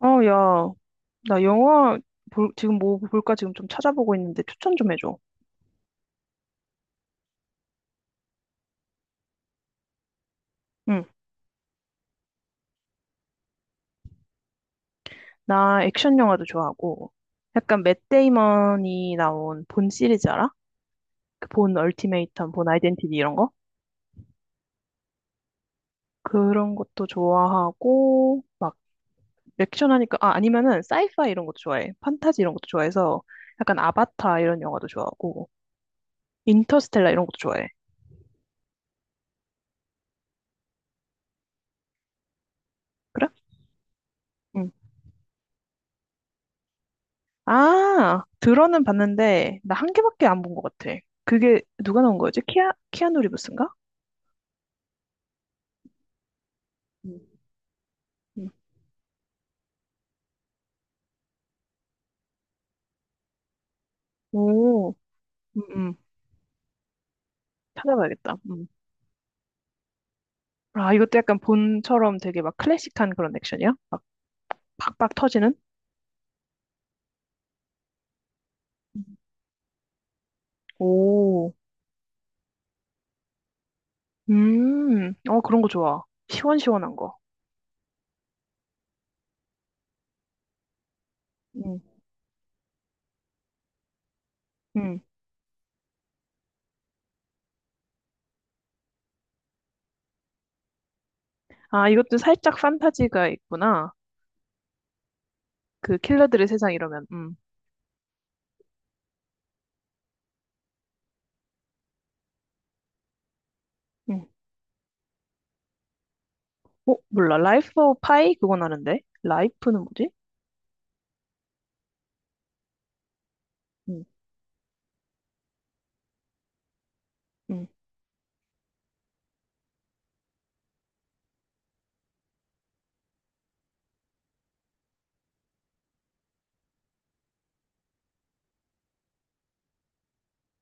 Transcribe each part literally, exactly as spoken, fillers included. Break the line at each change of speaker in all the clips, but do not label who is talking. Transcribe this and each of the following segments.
어, 야, 나 영화 볼, 지금 뭐 볼까 지금 좀 찾아보고 있는데 추천 좀 해줘. 응, 나 액션 영화도 좋아하고 약간 맷 데이먼이 나온 본 시리즈 알아? 그 본 얼티메이텀, 본 아이덴티티 이런 거? 그런 것도 좋아하고 막 액션 하니까 아 아니면은 사이파이 이런 것도 좋아해. 판타지 이런 것도 좋아해서 약간 아바타 이런 영화도 좋아하고 인터스텔라 이런 것도 좋아해. 그래? 응. 아, 들어는 봤는데, 나 한 개밖에 안 본 것 같아. 그게 누가 나온 거였지? 키아, 키아누 리브스인가? 음. 음. 오, 음, 음. 찾아봐야겠다. 음. 아, 이것도 약간 본처럼 되게 막 클래식한 그런 액션이야? 막 팍팍 터지는? 오, 음, 어, 그런 거 좋아. 시원시원한 거. 음, 음. 아, 이것도 살짝 판타지가 있구나. 그 킬러들의 세상 이러면, 음, 음. 어, 몰라. 라이프 오브 파이? 그건 아는데. 라이프는 뭐지? 음, 음.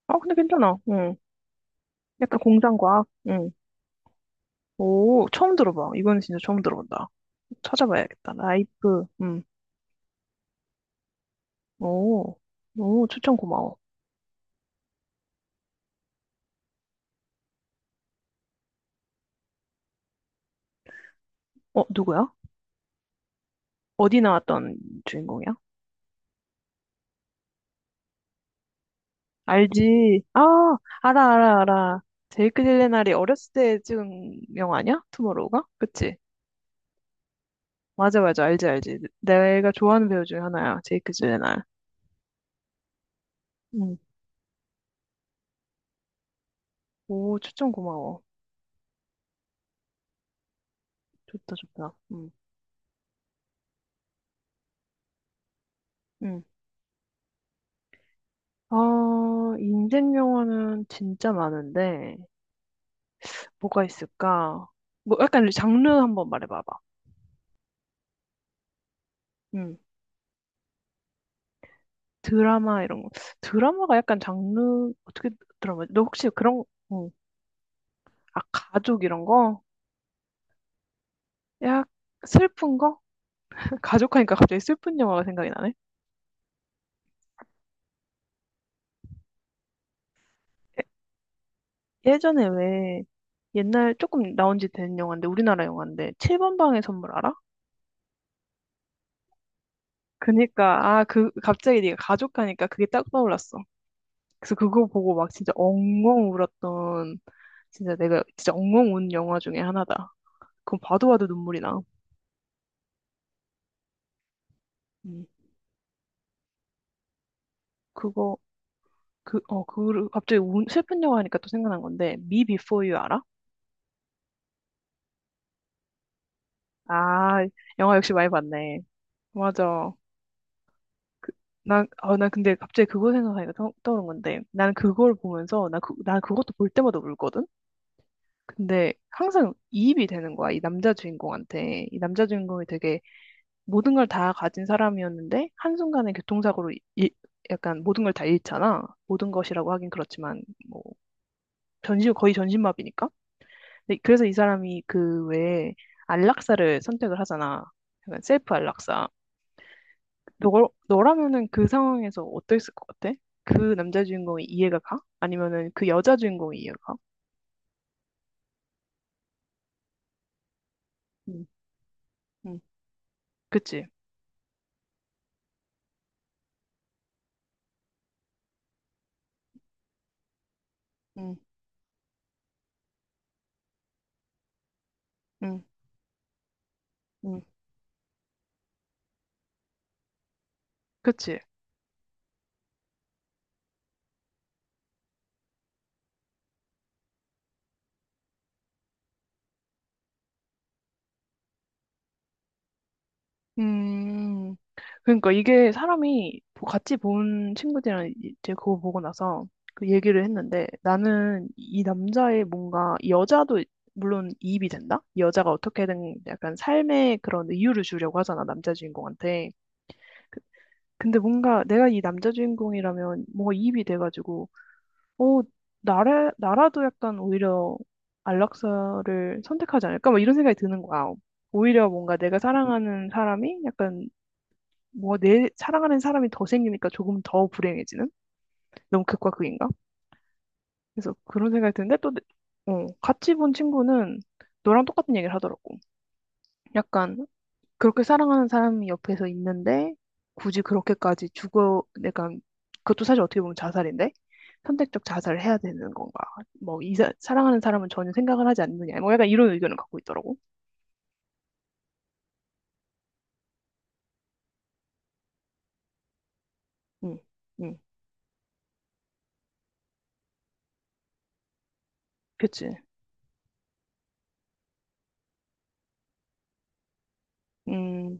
아, 근데 괜찮아. 음. 약간 공상과학. 응. 오, 처음 들어봐. 이거는 진짜 처음 들어본다. 찾아봐야겠다. 라이프. 응. 오, 오, 추천 고마워. 어, 누구야? 어디 나왔던 주인공이야? 알지. 아, 알아, 알아, 알아. 제이크 딜레날이 어렸을 때 찍은 영화 아니야? 투모로우가? 그치? 맞아, 맞아. 알지, 알지. 내가 좋아하는 배우 중에 하나야. 제이크 딜레날. 응. 오, 추천 고마워. 좋다, 좋다. 응. 응. 아, 인생 영화는 진짜 많은데. 뭐가 있을까? 뭐 약간 장르 한번 말해봐봐. 음, 드라마 이런 거. 드라마가 약간 장르 어떻게 드라마? 너 혹시 그런 음, 아 가족 이런 거? 약 슬픈 거? 가족하니까 갑자기 슬픈 영화가 생각이 나네. 예전에 왜 옛날 조금 나온 지 된 영화인데 우리나라 영화인데 칠 번 방의 선물 알아? 그니까 아 그 갑자기 네가 가족하니까 그게 딱 떠올랐어. 그래서 그거 보고 막 진짜 엉엉 울었던 진짜 내가 진짜 엉엉 운 영화 중에 하나다. 그건 봐도 봐도 눈물이 나. 음. 그거 그 어 그 갑자기 운, 슬픈 영화 하니까 또 생각난 건데 Me Before You 알아? 아 영화 역시 많이 봤네. 맞아. 난어난 근데 갑자기 그거 생각하니까 떠, 떠오른 건데 나는 그걸 보면서 나그난 그것도 볼 때마다 울거든. 근데 항상 이입이 되는 거야 이 남자 주인공한테 이 남자 주인공이 되게 모든 걸 다 가진 사람이었는데 한순간에 교통사고로 이, 이- 약간 모든 걸 다 잃잖아. 모든 것이라고 하긴 그렇지만 뭐 전신 거의 전신마비니까. 근데 그래서 이 사람이 그 외에 안락사를 선택을 하잖아. 약간 셀프 안락사. 너, 너라면은 그 상황에서 어땠을 것 같아? 그 남자 주인공이 이해가 가? 아니면은 그 여자 주인공이 이해가 가? 응, 응, 그치. 응, 응, 응, 그치. 음, 그러니까 이게 사람이 보- 같이 본 친구들이랑 이제 그거 보고 나서 그 얘기를 했는데 나는 이 남자의 뭔가 이 여자도 물론 이입이 된다? 이 여자가 어떻게든 약간 삶의 그런 이유를 주려고 하잖아, 남자 주인공한테. 그- 근데 뭔가 내가 이 남자 주인공이라면 뭔가 이입이 돼가지고, 어, 나라, 나라도 약간 오히려 안락사를 선택하지 않을까? 막 이런 생각이 드는 거야. 오히려 뭔가 내가 사랑하는 사람이 약간 뭐 내 사랑하는 사람이 더 생기니까 조금 더 불행해지는? 너무 극과 극인가? 그래서 그런 생각이 드는데 또 내- 어, 같이 본 친구는 너랑 똑같은 얘기를 하더라고. 약간 그렇게 사랑하는 사람이 옆에서 있는데 굳이 그렇게까지 죽어 내가 그것도 사실 어떻게 보면 자살인데 선택적 자살을 해야 되는 건가? 뭐 이 사, 사랑하는 사람은 전혀 생각을 하지 않느냐? 뭐 약간 이런 의견을 갖고 있더라고. 응, 응, 그치. 음,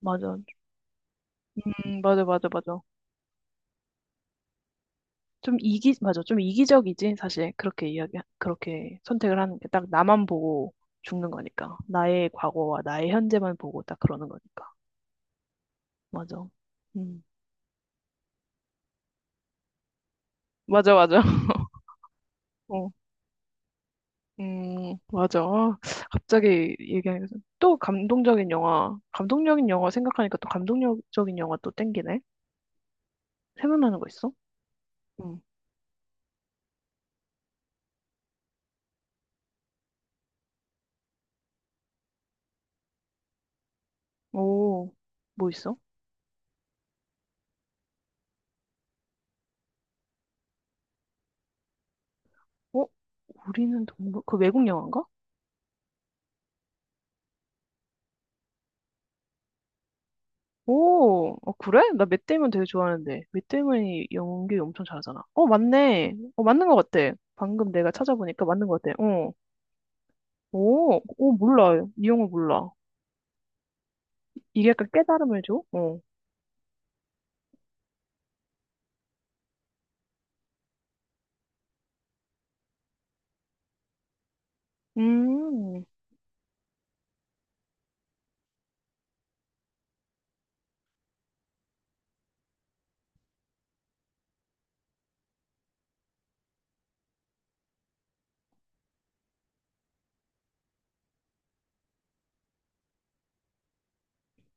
맞아. 음, 맞아, 맞아, 맞아. 좀 이기, 맞아. 좀 이기적이지, 사실. 그렇게 이야기, 그렇게 선택을 하는 게 딱 나만 보고 죽는 거니까. 나의 과거와 나의 현재만 보고 딱 그러는 거니까. 맞아. 음. 맞아, 맞아. 어. 음, 맞아. 아, 갑자기 얘기하니까 좀- 또 감동적인 영화, 감동적인 영화 생각하니까 또 감동적인 영화 또 땡기네. 생각나는 거 있어? 응. 오, 뭐 있어? 어? 우리는 동물, 그 외국 영화인가? 오, 어, 그래? 나 맷 데이먼 되게 좋아하는데. 맷 데이먼이 연기 엄청 잘하잖아. 어, 맞네. 어, 맞는 것 같아. 방금 내가 찾아보니까 맞는 것 같아. 어. 오, 오, 몰라. 이 영화 몰라. 이게 약간 깨달음을 줘? 어. 음,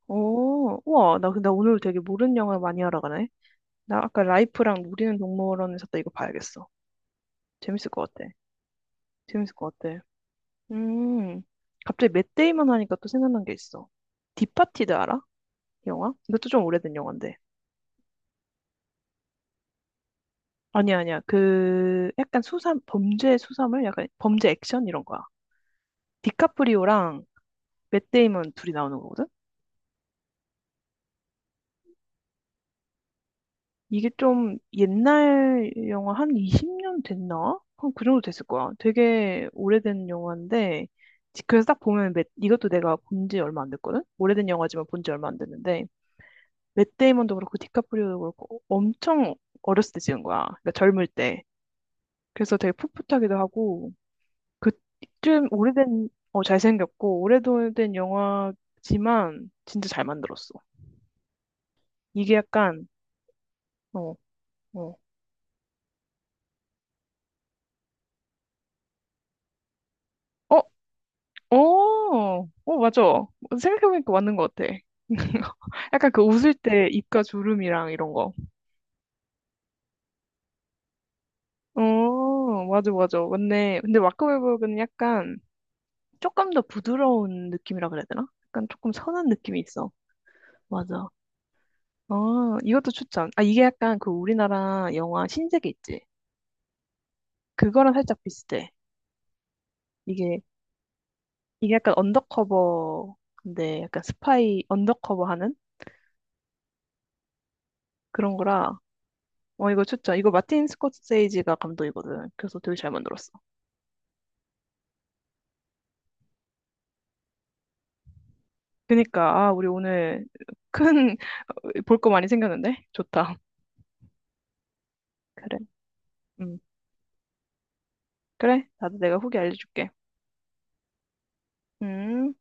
오, 우와. 나 근데 오늘 되게 모르는 영화 많이 알아가네. 나 아까 라이프랑 우리는 동물원에 섰다 이거 봐야겠어. 재밌을 것 같아. 재밌을 것 같아. 음, 갑자기 맷 데이먼 하니까 또 생각난 게 있어. 디파티드 알아? 영화? 이것도 좀 오래된 영화인데. 아니야, 아니야. 그 약간 수사 범죄 수사물 약간 범죄 액션 이런 거야. 디카프리오랑 맷 데이먼 둘이 나오는 거거든. 이게 좀 옛날 영화 한 이십 년 됐나? 한 그 정도 됐을 거야. 되게 오래된 영화인데 지- 그래서 딱 보면 맷, 이것도 내가 본지 얼마 안 됐거든. 오래된 영화지만 본지 얼마 안 됐는데 맷 데이먼도 그렇고 디카프리오도 그렇고 엄청 어렸을 때 찍은 거야. 그러니까 젊을 때. 그래서 되게 풋풋하기도 하고 그쯤 오래된, 어, 잘생겼고, 오래된 영화지만 진짜 잘 만들었어. 이게 약간, 어, 어, 어, 어, 어, 맞아. 생각해보니까 맞는 것 같아. 약간 그 웃을 때 입가 주름이랑 이런 거. 어, 맞아, 맞아. 맞네. 근데 마크웨버그는 약간 조금 더 부드러운 느낌이라 그래야 되나? 약간 조금 선한 느낌이 있어. 맞아. 어, 이것도 추천. 아, 이게 약간 그 우리나라 영화 신세계 있지? 그거랑 살짝 비슷해. 이게 이게 약간 언더커버 근데 약간 스파이 언더커버 하는 그런 거라 어 이거 추천 이거 마틴 스코세이지가 감독이거든 그래서 되게 잘 만들었어. 그니까 아 우리 오늘 큰 볼 거 많이 생겼는데 좋다. 그래. 음. 그래 나도 내가 후기 알려줄게. 음.